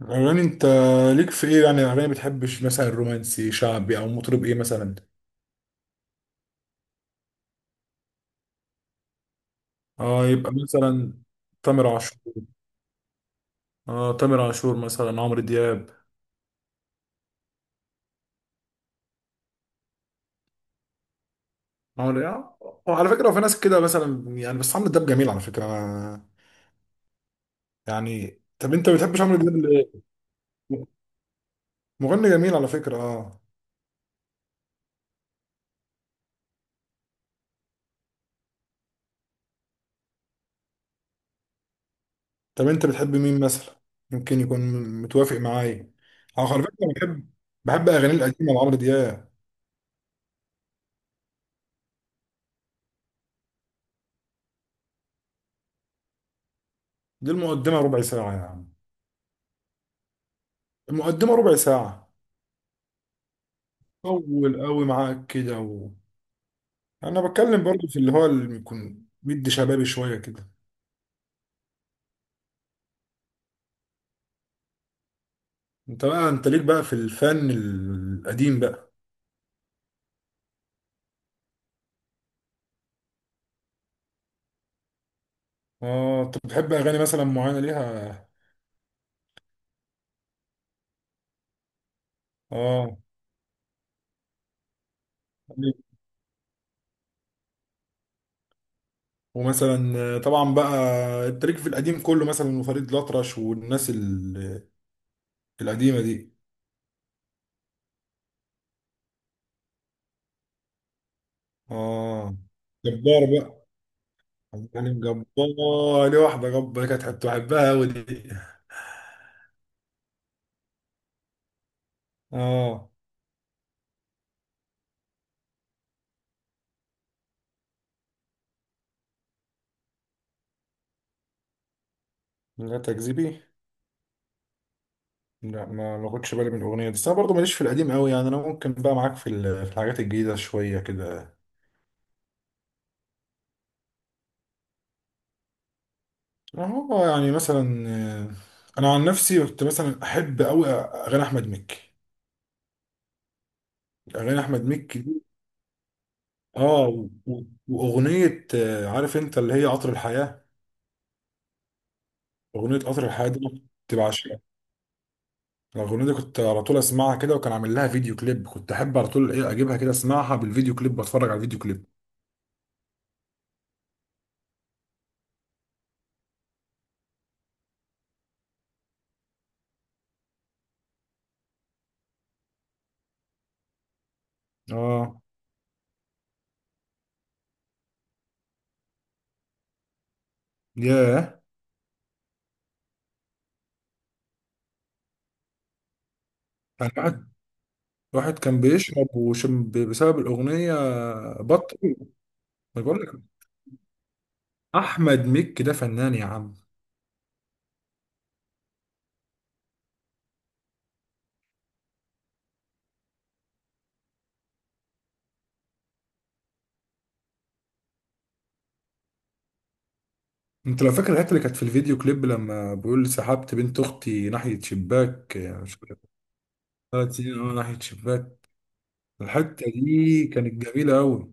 يعني انت ليك في ايه، يعني اغاني بتحبش مثلا رومانسي شعبي او مطرب ايه مثلا؟ اه، يبقى مثلا تامر عاشور. اه، تامر عاشور مثلا، عمرو دياب. عمرو يعني، وعلى فكره هو في ناس كده مثلا يعني، بس عمرو دياب جميل على فكره انا. يعني طب انت بتحبش عمرو دياب ليه؟ مغني جميل على فكره، اه. طب انت بتحب مين مثلا، يمكن يكون متوافق معايا؟ اه، على فكره بحب بحب اغاني القديمه لعمرو دياب. دي المقدمه ربع ساعه يعني. المقدمه ربع ساعه، طول قوي معاك كده انا بتكلم برضو في اللي هو، اللي يكون مدي شبابي شويه كده. انت ليك بقى في الفن القديم بقى؟ اه، انت بتحب اغاني مثلا معينه ليها؟ اه، ومثلا طبعا بقى، انت ليك في القديم كله مثلا وفريد الأطرش والناس القديمه دي. اه، جبار بقى. يعني جبار، ليه واحده جبار كانت بحبها قوي دي. اه، لا تكذبي. لا، ما خدش بالي من الاغنيه دي، بس انا برضه ماليش في القديم قوي، يعني انا ممكن بقى معاك في الحاجات الجديده شويه كده. هو يعني مثلا، انا عن نفسي كنت مثلا احب قوي اغاني احمد مكي. اغاني احمد مكي دي، اه، واغنيه عارف انت اللي هي قطر الحياه. اغنيه قطر الحياه دي أنا كنت بعشقها. الاغنيه دي كنت على طول اسمعها كده، وكان عامل لها فيديو كليب، كنت احب على طول ايه اجيبها كده اسمعها بالفيديو كليب واتفرج على الفيديو كليب. اه، ياه. واحد كان بيشرب وشم بسبب الأغنية. بطل. ما بقول لك، أحمد مكي ده فنان يا عم. أنت لو فاكر الحتة اللي كانت في الفيديو كليب، لما بيقول سحبت بنت أختي ناحية شباك، يعني مش فاكر؟ 3 سنين، أه، ناحية شباك. الحتة دي كانت جميلة أوي.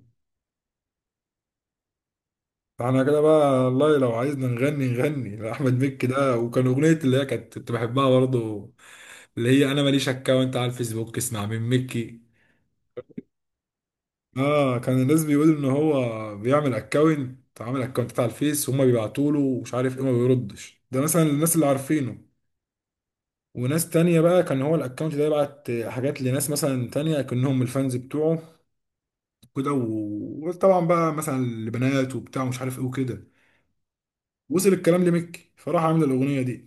فاحنا كده بقى والله، لو عايزنا نغني نغني لأحمد مكي ده، وكان أغنية اللي هي كنت بحبها برضه. اللي هي أنا ماليش أكاونت على الفيسبوك، اسمع من مكي. اه، كان الناس بيقولوا ان هو بيعمل اكونت، عامل اكونت على الفيس، وهم بيبعتوا له ومش عارف ايه، ما بيردش، ده مثلا الناس اللي عارفينه. وناس تانية بقى كان هو الاكونت ده يبعت حاجات لناس مثلا تانية، كأنهم الفانز بتوعه كده، وطبعا بقى مثلا لبنات وبتاع ومش عارف ايه وكده. وصل الكلام لميكي، فراح عامل الأغنية دي.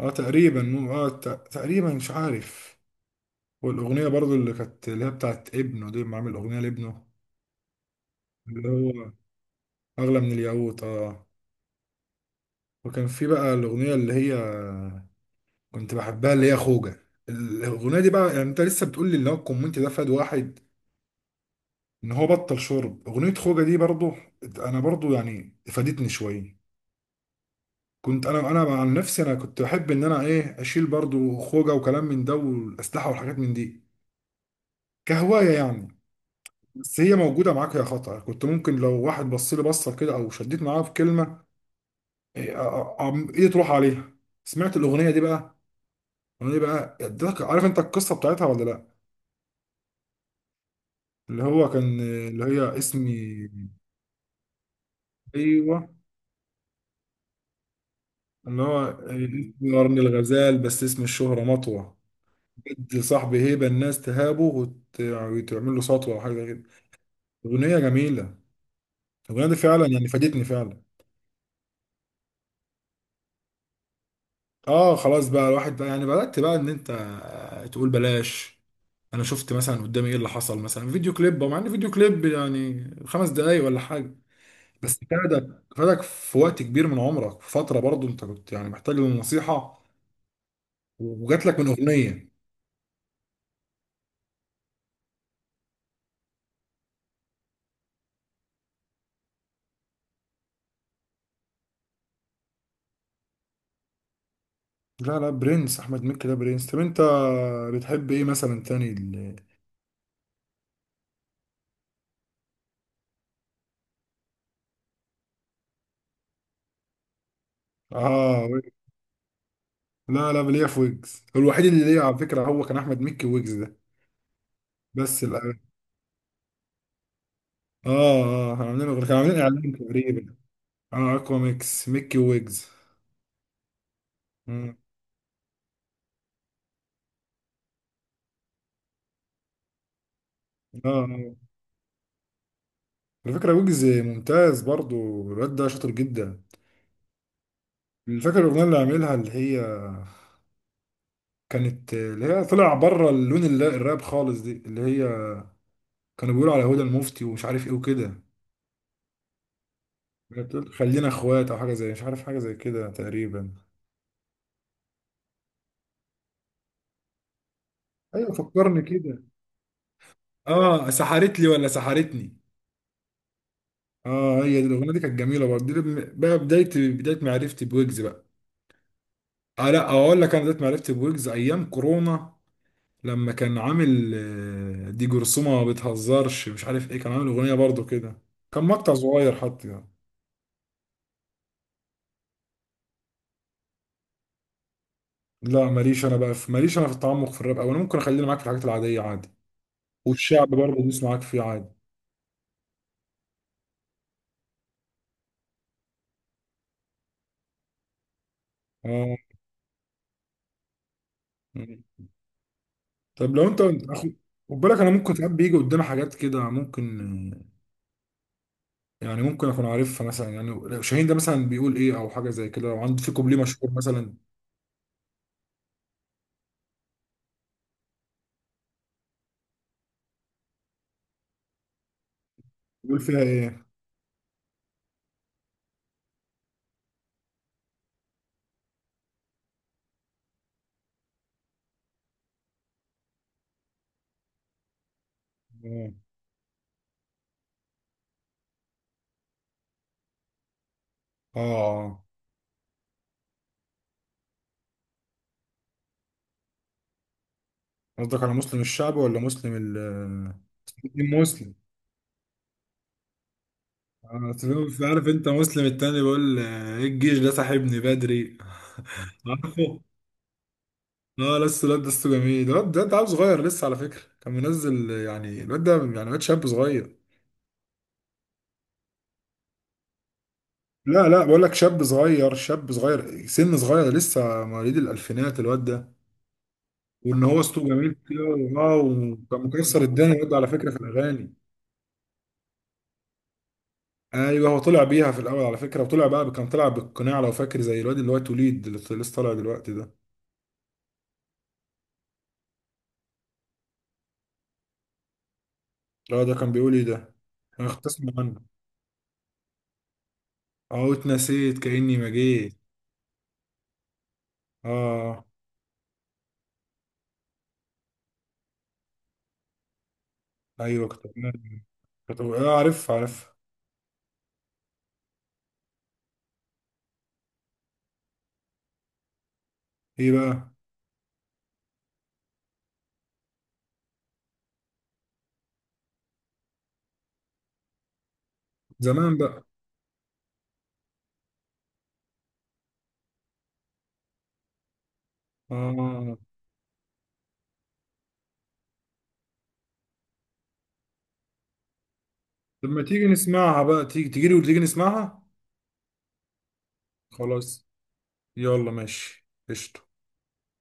اه، تقريبا مش عارف. والأغنية برضو اللي كانت اللي هي بتاعت ابنه دي، ما عامل أغنية لابنه. اللي هو أغلى من الياقوت، اه. وكان في بقى الاغنيه اللي هي كنت بحبها، اللي هي خوجه، الاغنيه دي بقى، يعني انت لسه بتقول لي اللي هو الكومنت ده فاد واحد. ان هو بطل شرب، اغنيه خوجه دي برضو. انا برضو يعني فادتني شويه. كنت انا عن نفسي، انا كنت بحب ان انا ايه اشيل برضو خوجه وكلام من ده، والاسلحه والحاجات من دي. كهوايه يعني. بس هي موجوده معاك، يا خطأ كنت ممكن لو واحد بص لي بصه كده او شديت معاه في كلمه. إيه، ايدي تروح عليها. سمعت الاغنيه دي بقى. الاغنيه دي بقى ادتك، عارف انت القصه بتاعتها ولا لا؟ اللي هو كان اللي هي اسمي، ايوه، اللي هو اسمي قرن الغزال، بس اسم الشهرة مطوة. جد صاحبي هيبة، الناس تهابه وتعمل له سطوة او حاجة كده. اغنية جميلة. الاغنية دي فعلا يعني فادتني فعلا. اه، خلاص بقى، الواحد بقى يعني بدأت بقى ان انت تقول بلاش. انا شفت مثلا قدامي ايه اللي حصل مثلا، فيديو كليب، مع ان فيديو كليب يعني 5 دقايق ولا حاجة. بس فادك فادك في وقت كبير من عمرك، في فترة برضه انت كنت يعني محتاج للنصيحة، وجات لك من اغنيه. لا لا، برنس، احمد مكي ده برنس. طب انت بتحب ايه مثلا تاني اه، ويجز. لا لا، ليا في ويجز الوحيد اللي ليا على فكره هو كان احمد مكي، ويجز ده. بس كانوا عاملين كانوا عاملين اعلان تقريبا. اه، اكوا ميكس، مكي ويجز. مم. اه، آه. على فكره ويجز ممتاز برضو. الواد ده شاطر جدا. فاكر الاغنيه اللي عاملها اللي هي كانت، اللي هي طلع بره اللون الراب خالص دي، اللي هي. كانوا بيقولوا على هدى المفتي ومش عارف ايه وكده. بتقول خلينا اخوات او حاجه زي، مش عارف، حاجه زي كده تقريبا. ايوه، فكرني كده. اه، سحرت لي ولا سحرتني؟ اه، هي دي الاغنيه، دي كانت جميله برضه دي. بقى بدايه، بدايه معرفتي بويجز بقى. آه، لا، اقول لك انا بدايه معرفتي بويجز ايام كورونا. لما كان عامل دي جرثومه ما بتهزرش، مش عارف ايه، كان عامل اغنيه برضه كده. كان مقطع صغير حتى يعني. لا، ماليش انا في التعمق في الراب، او انا ممكن اخليني معاك في الحاجات العاديه عادي. والشعب برضه بيسمعك فيه عادي. اه، طب لو انت، خد بالك، انا ممكن ساعات بيجي قدامي حاجات كده ممكن. يعني ممكن اكون عارفها مثلا، يعني لو شاهين ده مثلا بيقول ايه او حاجه زي كده، لو عنده في كوبليه مشهور مثلا. بيقول فيها ايه؟ اه، آه. قصدك على مسلم الشعب ولا مسلم الدين مسلم؟ أصل عارف انت مسلم التاني بيقول ايه، الجيش ده صاحبني بدري. عارفه. اه، لسه الواد ده لسه جميل، الواد ده عيل صغير لسه على فكره، كان منزل يعني الواد ده يعني واد شاب صغير. لا لا، بقول لك شاب صغير، شاب صغير، سن صغير، لسه مواليد الالفينات الواد ده. وان هو صوته جميل كده. اه، وكان مكسر الدنيا الواد ده على فكره في الاغاني. ايوه، هو طلع بيها في الاول على فكره، وطلع بقى كان طلع بالقناع، لو فاكر، زي الواد اللي هو توليد اللي لسه طالع دلوقتي ده. لا، ده كان بيقول ايه ده؟ انا كنت اسمع عنه. اه، اتنسيت كاني ما جيت. اه، ايوه، كنت، عارف. ايه بقى؟ زمان بقى. اه، طب ما تيجي نسمعها بقى، تيجي تيجي لي وتيجي نسمعها. خلاص. يلا، ماشي، قشطة.